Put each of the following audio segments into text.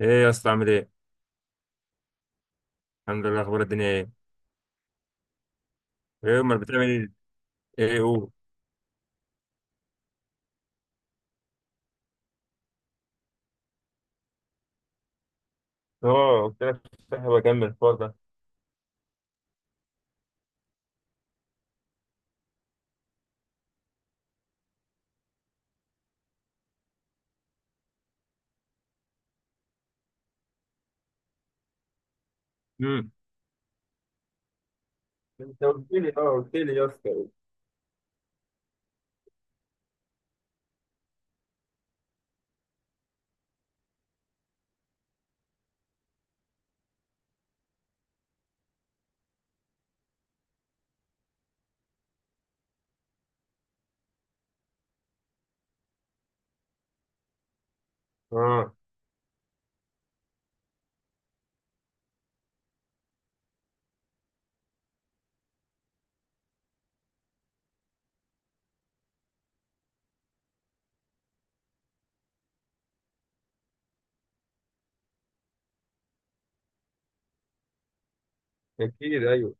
ايه يا اسطى؟ عامل ايه؟ الحمد لله، اخبار الدنيا ايه؟ ايه امال بتعمل ايه؟ ايه قول. اه، قلت لك صاحب، اكمل الحوار ده. امم. انت قلت لي يا اسطى. اه، اكيد، ايوه.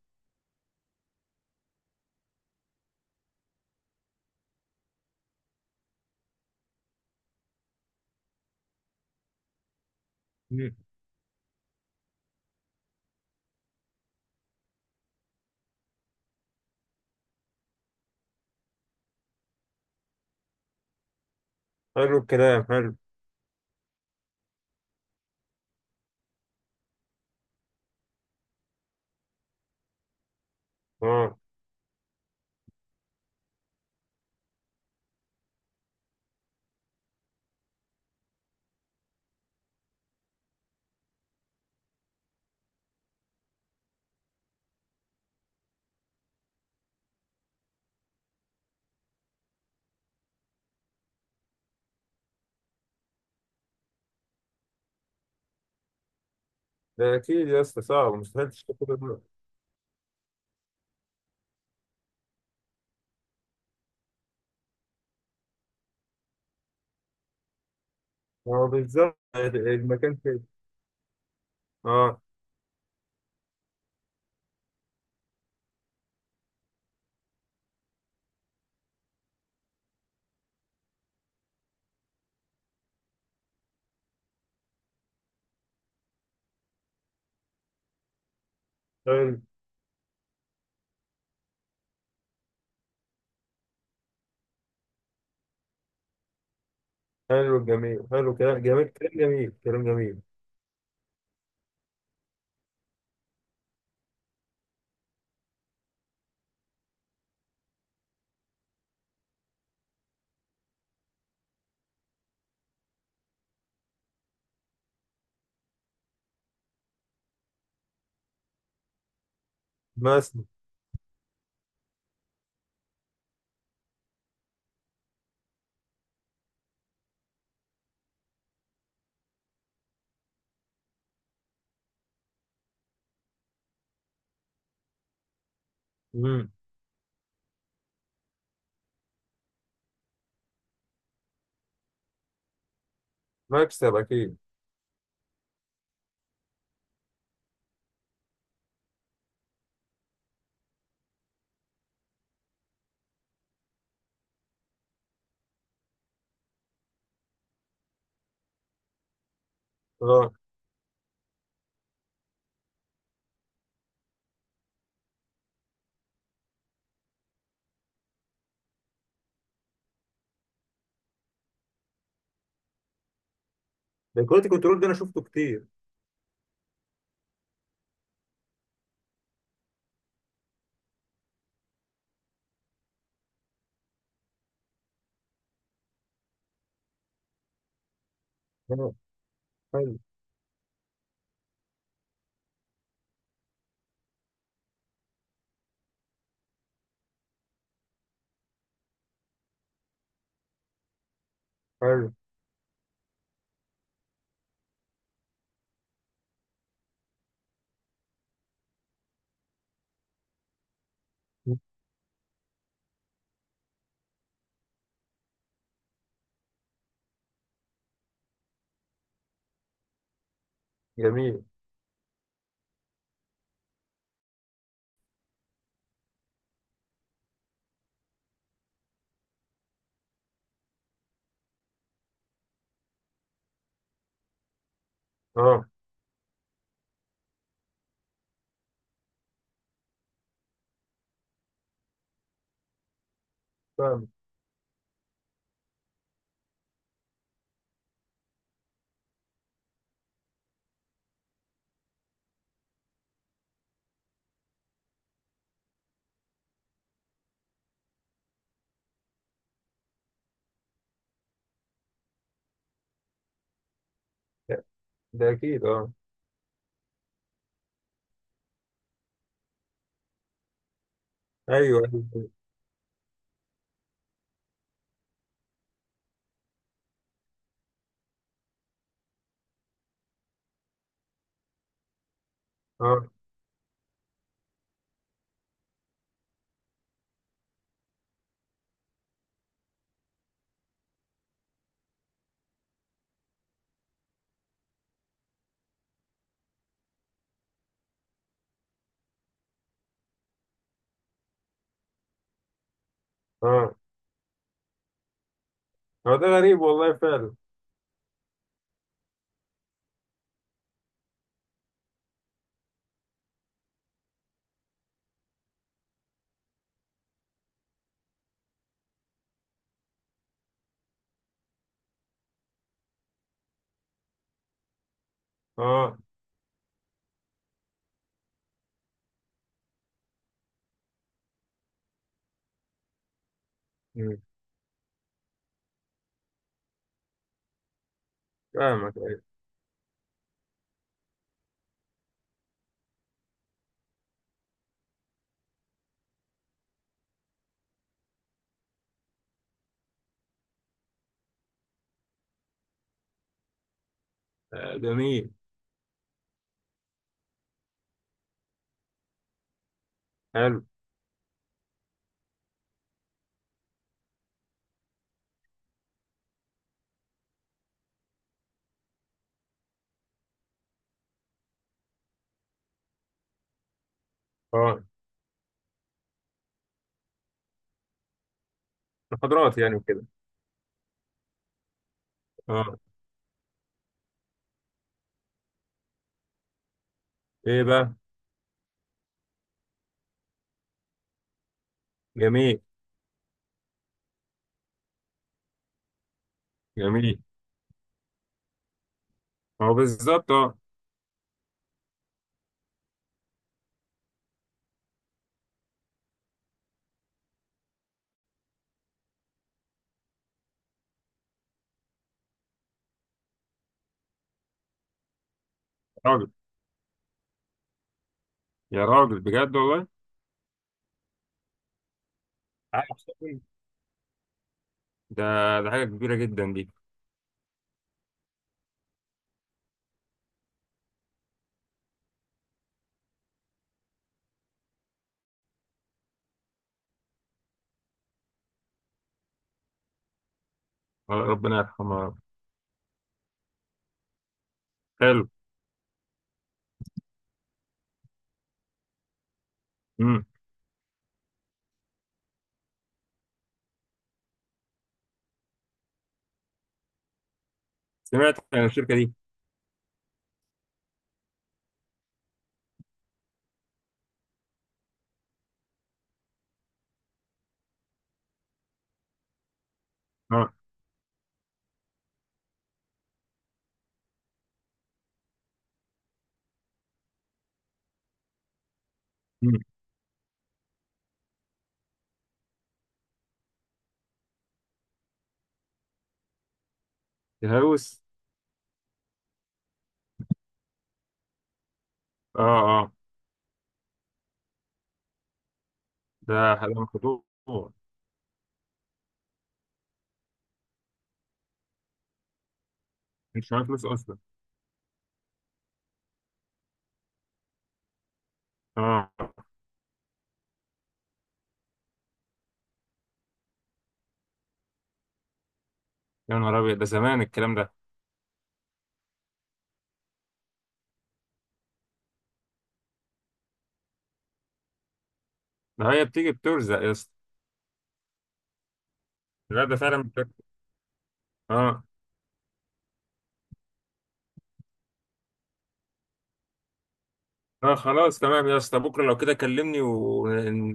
امم. حلو، الكلام حلو. اه، ده اكيد يا اسطى، صعب مستحيل تشتغل كل ده. اه بالظبط، المكان كده. اه. حلو حلو، الجميل حلو، كلام جميل كلام جميل كلام جميل. مثلا. امم. مكسب اكيد. اه، ده كنت كنترول، ده انا شفته كتير. اه، حلو. حلو، جميل. اه، فاهم. ده اكيد، اه. ايوه. أيوة. أيوه. اه، اه. هو ده غريب والله فعلا. اه. أمم. فاهمك، ايوه. آه، جميل. حلو. اه. محاضرات يعني وكده. اه. ايه بقى؟ جميل. جميل. هو بالظبط، اه. راجل. يا راجل بجد والله. عارف شكل؟ ده، ده حاجه كبيره جدا دي. آه، ربنا يرحمها. حلو. امم. سمعت عن الشركه دي. اه. امم. الهوس. اه. اه. ده ده خطوه. مش معايا فلوس اصلا. اه، يا نهار ابيض، ده زمان الكلام ده. ده هي بتيجي بترزق يا اسطى. لا، ده فعلا بترزق. اه، اه، خلاص تمام يا اسطى، بكره لو كده كلمني، و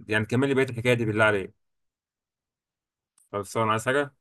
يعني كمل لي بقيه الحكايه دي بالله عليك. خلصان، عايز حاجه